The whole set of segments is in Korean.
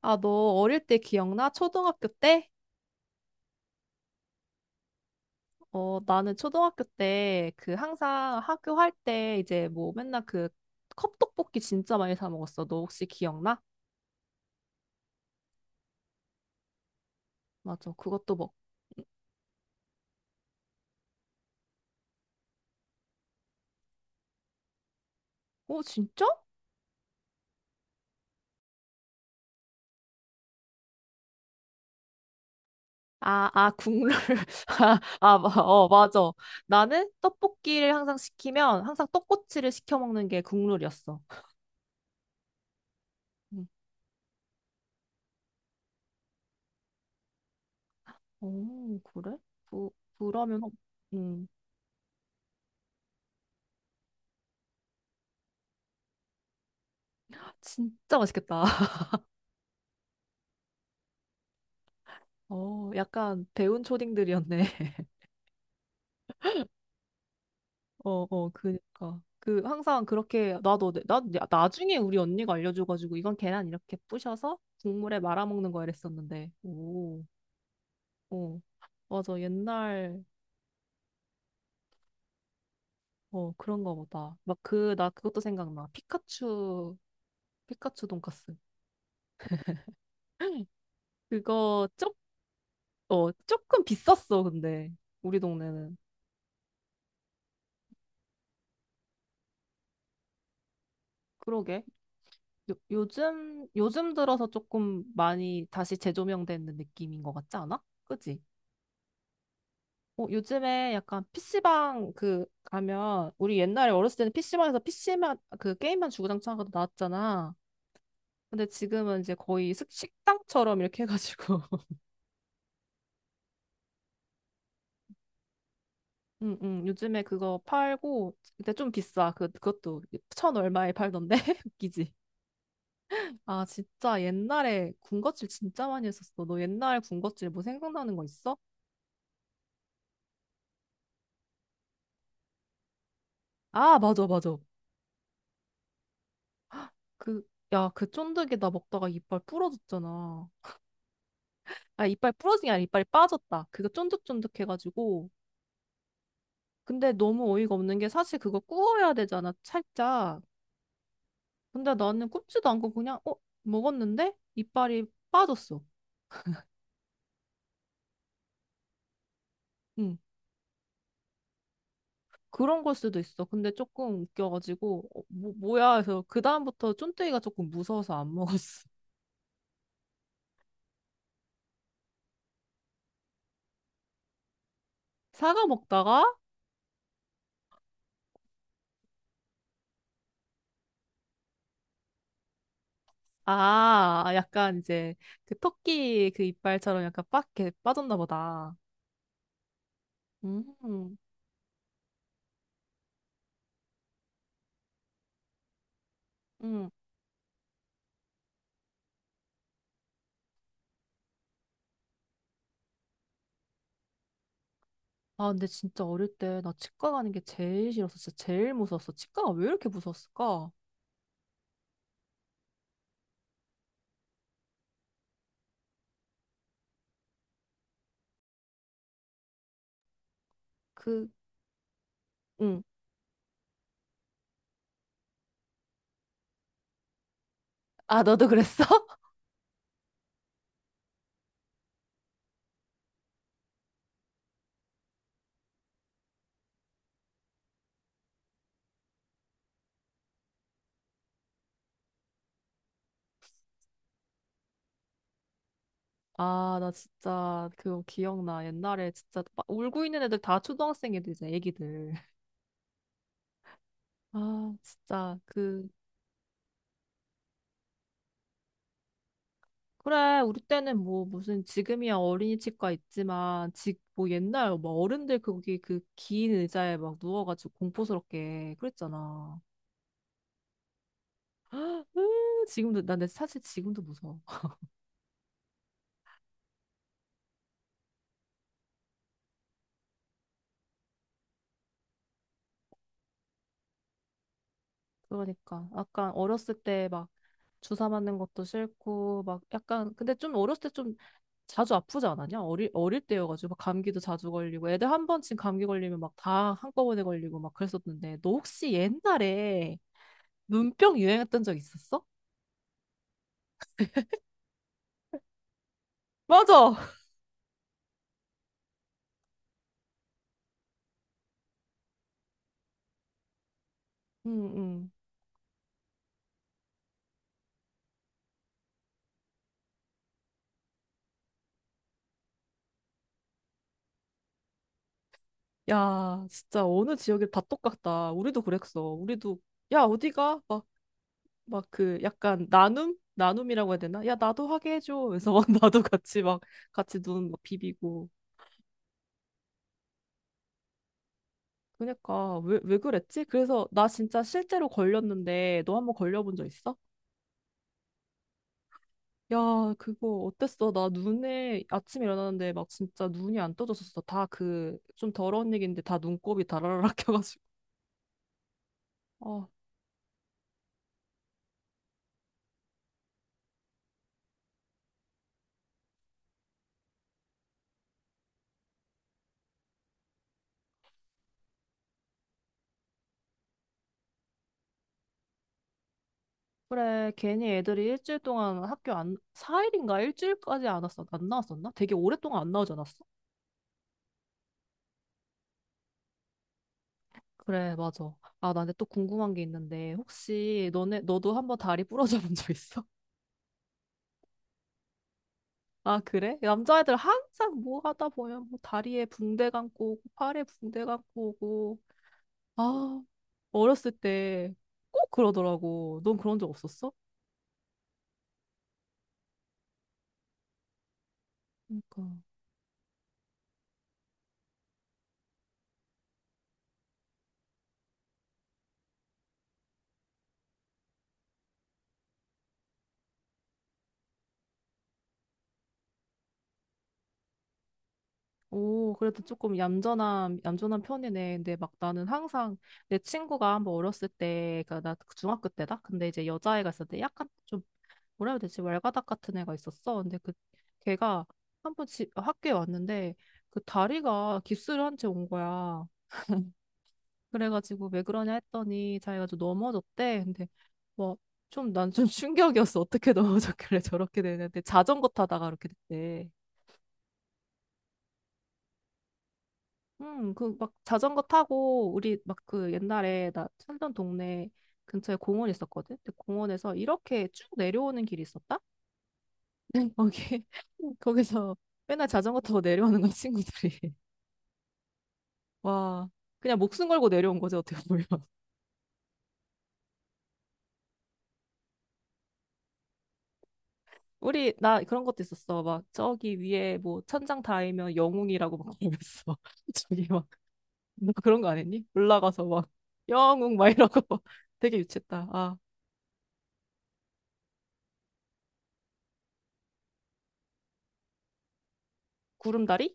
아, 너 어릴 때 기억나? 초등학교 때? 어, 나는 초등학교 때 그 항상 학교 할 때 이제 뭐 맨날 그 컵떡볶이 진짜 많이 사 먹었어. 너 혹시 기억나? 맞아. 그것도 먹. 어, 진짜? 아, 아, 국룰. 아, 아, 어, 맞아. 나는 떡볶이를 항상 시키면 항상 떡꼬치를 시켜 먹는 게 국룰이었어. 음. 오, 그래? 그, 그러면, 음, 진짜 맛있겠다. 어, 약간 배운 초딩들이었네. 어, 어, 그니까. 그, 항상 그렇게, 나도, 나, 야, 나중에 우리 언니가 알려줘가지고, 이건 계란 이렇게 부셔서 국물에 말아먹는 거 이랬었는데. 오, 어. 맞아, 옛날, 어, 그런 거 보다. 막 그, 나 그것도 생각나. 피카츄, 피카츄 돈까스. 그거, 쪽, 어, 조금 비쌌어, 근데. 우리 동네는. 그러게. 요즘 들어서 조금 많이 다시 재조명되는 느낌인 것 같지 않아? 그지? 어, 요즘에 약간 PC방 그 가면 우리 옛날에 어렸을 때는 PC방에서 PC만 그 게임만 주구장창 하고 나왔잖아. 근데 지금은 이제 거의 식당처럼 이렇게 해가지고 응, 응, 요즘에 그거 팔고 근데 좀 비싸. 그것도 천 얼마에 팔던데? 웃기지? 아 진짜 옛날에 군것질 진짜 많이 했었어. 너 옛날 군것질 뭐 생각나는 거 있어? 아 맞아 맞아. 그, 야, 그 쫀득이 나 먹다가 이빨 부러졌잖아. 아, 이빨 부러진 게 아니라 이빨이 빠졌다. 그거 쫀득쫀득해가지고. 근데 너무 어이가 없는 게 사실 그거 구워야 되잖아, 살짝. 근데 나는 굽지도 않고 그냥, 어? 먹었는데? 이빨이 빠졌어. 응. 그런 걸 수도 있어. 근데 조금 웃겨가지고, 어, 뭐, 뭐야 해서 그다음부터 쫀득이가 조금 무서워서 안 먹었어. 사과 먹다가, 아, 약간 이제 그 토끼 그 이빨처럼 약간 빡 이렇게 빠졌나 보다. 음, 음. 아, 근데 진짜 어릴 때 나 치과 가는 게 제일 싫었어. 진짜 제일 무서웠어. 치과가 왜 이렇게 무서웠을까? 그, 응. 아, 너도 그랬어? 아, 나 진짜 그거 기억나. 옛날에 진짜 막 울고 있는 애들 다 초등학생 애들이잖아, 애기들. 아, 진짜 그 그래, 우리 때는 뭐 무슨 지금이야 어린이 치과 있지만 지, 뭐 옛날 막 어른들 거기 그 긴 의자에 막 누워가지고 공포스럽게 그랬잖아. 으, 지금도 나 근데 사실 지금도 무서워. 그러니까 약간 어렸을 때 막 주사 맞는 것도 싫고 막 약간 근데 좀 어렸을 때 좀 자주 아프지 않았냐? 어릴 때여가지고 막 감기도 자주 걸리고 애들 한 번쯤 감기 걸리면 막 다 한꺼번에 걸리고 막 그랬었는데 너 혹시 옛날에 눈병 유행했던 적 있었어? 맞아. 응응. 야 진짜 어느 지역이 다 똑같다. 우리도 그랬어. 우리도 야 어디가? 막 그 약간 나눔? 나눔이라고 해야 되나? 야, 나도 하게 해줘. 그래서 막 나도 같이 막 같이 눈 막 비비고. 그러니까 왜 그랬지? 그래서 나 진짜 실제로 걸렸는데 너 한번 걸려본 적 있어? 야, 그거 어땠어? 나 눈에 아침에 일어나는데 막 진짜 눈이 안 떠졌었어. 다 그 좀 더러운 얘기인데 다 눈곱이 다라라락 껴가지고. 아, 그래. 괜히 애들이 일주일 동안 학교 안, 4일인가 일주일까지 안 왔어. 안 나왔었나? 되게 오랫동안 안 나오지 않았어? 그래, 맞아. 아, 나 근데 또 궁금한 게 있는데, 혹시 너네, 너도 한번 다리 부러져 본 적 있어? 아, 그래? 남자애들 항상 뭐 하다 보면 뭐 다리에 붕대 감고 오고, 팔에 붕대 감고 오고. 아, 어렸을 때 꼭 그러더라고. 넌 그런 적 없었어? 그러니까. 오, 그래도 조금 얌전한, 얌전한 편이네. 근데 막 나는 항상 내 친구가 한번 어렸을 때, 그니까 나 중학교 때다? 근데 이제 여자애가 있었는데 약간 좀 뭐라 해야 되지? 왈가닥 같은 애가 있었어. 근데 그 걔가 한 번집 어, 학교에 왔는데 그 다리가 깁스를 한 채 온 거야. 그래가지고 왜 그러냐 했더니 자기가 좀 넘어졌대. 근데 뭐 좀 난 좀 충격이었어. 어떻게 넘어졌길래 저렇게 되는데 자전거 타다가 이렇게 됐대. 그 막 자전거 타고 우리 막 그 옛날에 나 살던 동네 근처에 공원 있었거든. 근데 공원에서 이렇게 쭉 내려오는 길이 있었다. 거기 거기서 맨날 자전거 타고 내려오는 건 친구들이 와 그냥 목숨 걸고 내려온 거지 어떻게 보면 우리 나 그런 것도 있었어 막 저기 위에 뭐 천장 닿으면 영웅이라고 막 그랬어 저기 막 너 그런 거 안 했니? 올라가서 막 영웅 막 이러고 막 되게 유치했다 아 구름다리?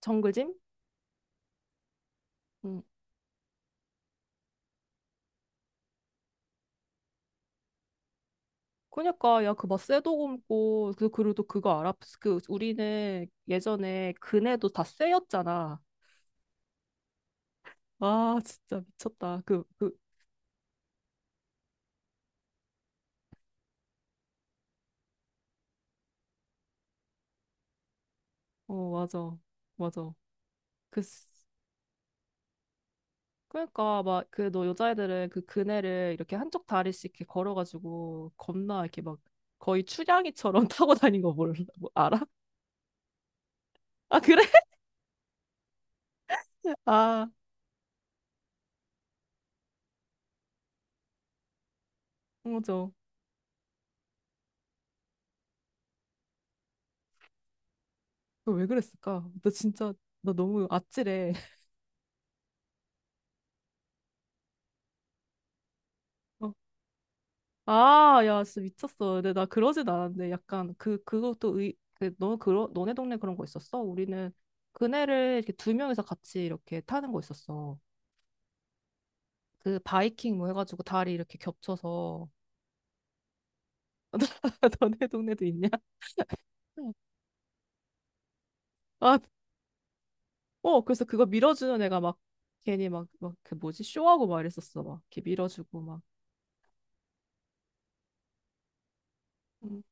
정글짐? 응 그니까 야 그 막 쇠도 굽고 그리고 그거 알아? 그 우리는 예전에 그네도 다 쇠였잖아 아 진짜 미쳤다 그, 그, 어, 맞아. 맞아. 그, 그러니까, 막, 그, 너 여자애들은 그 그네를 이렇게 한쪽 다리씩 이렇게 걸어가지고, 겁나 이렇게 막, 거의 추량이처럼 타고 다닌 거 몰라, 뭐, 알아? 아, 그래? 아, 맞아. 그거 왜 그랬을까? 나 진짜, 나 너무 아찔해. 어. 아, 야, 진짜 미쳤어. 근데 나 그러진 않았는데, 약간, 그, 그것도 의, 그, 너, 그러, 너네 동네 그런 거 있었어? 우리는 그네를 이렇게 두 명이서 같이 이렇게 타는 거 있었어. 그 바이킹 뭐 해가지고 다리 이렇게 겹쳐서 너네 동네도 있냐? 아, 어, 그래서 그거 밀어주는 애가 막 괜히 막 그 뭐지? 쇼하고 막 이랬었어. 막 이렇게 밀어주고 막. 음.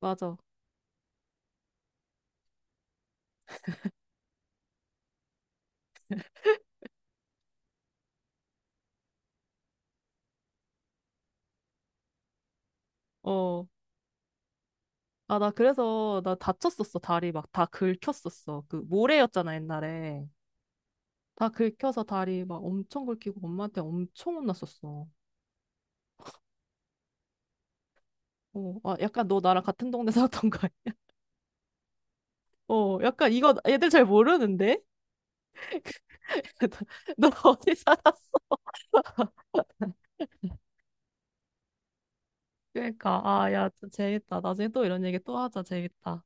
맞아. 어. 아, 나 그래서 나 다쳤었어. 다리 막 다 긁혔었어. 그 모래였잖아, 옛날에. 다 긁혀서 다리 막 엄청 긁히고 엄마한테 엄청 혼났었어. 어, 아, 약간 너 나랑 같은 동네 살았던 거야. 어, 약간 이거 애들 잘 모르는데? 너 어디 살았어? 그러니까 아, 야, 좀 재밌다. 나중에 또 이런 얘기 또 하자. 재밌다.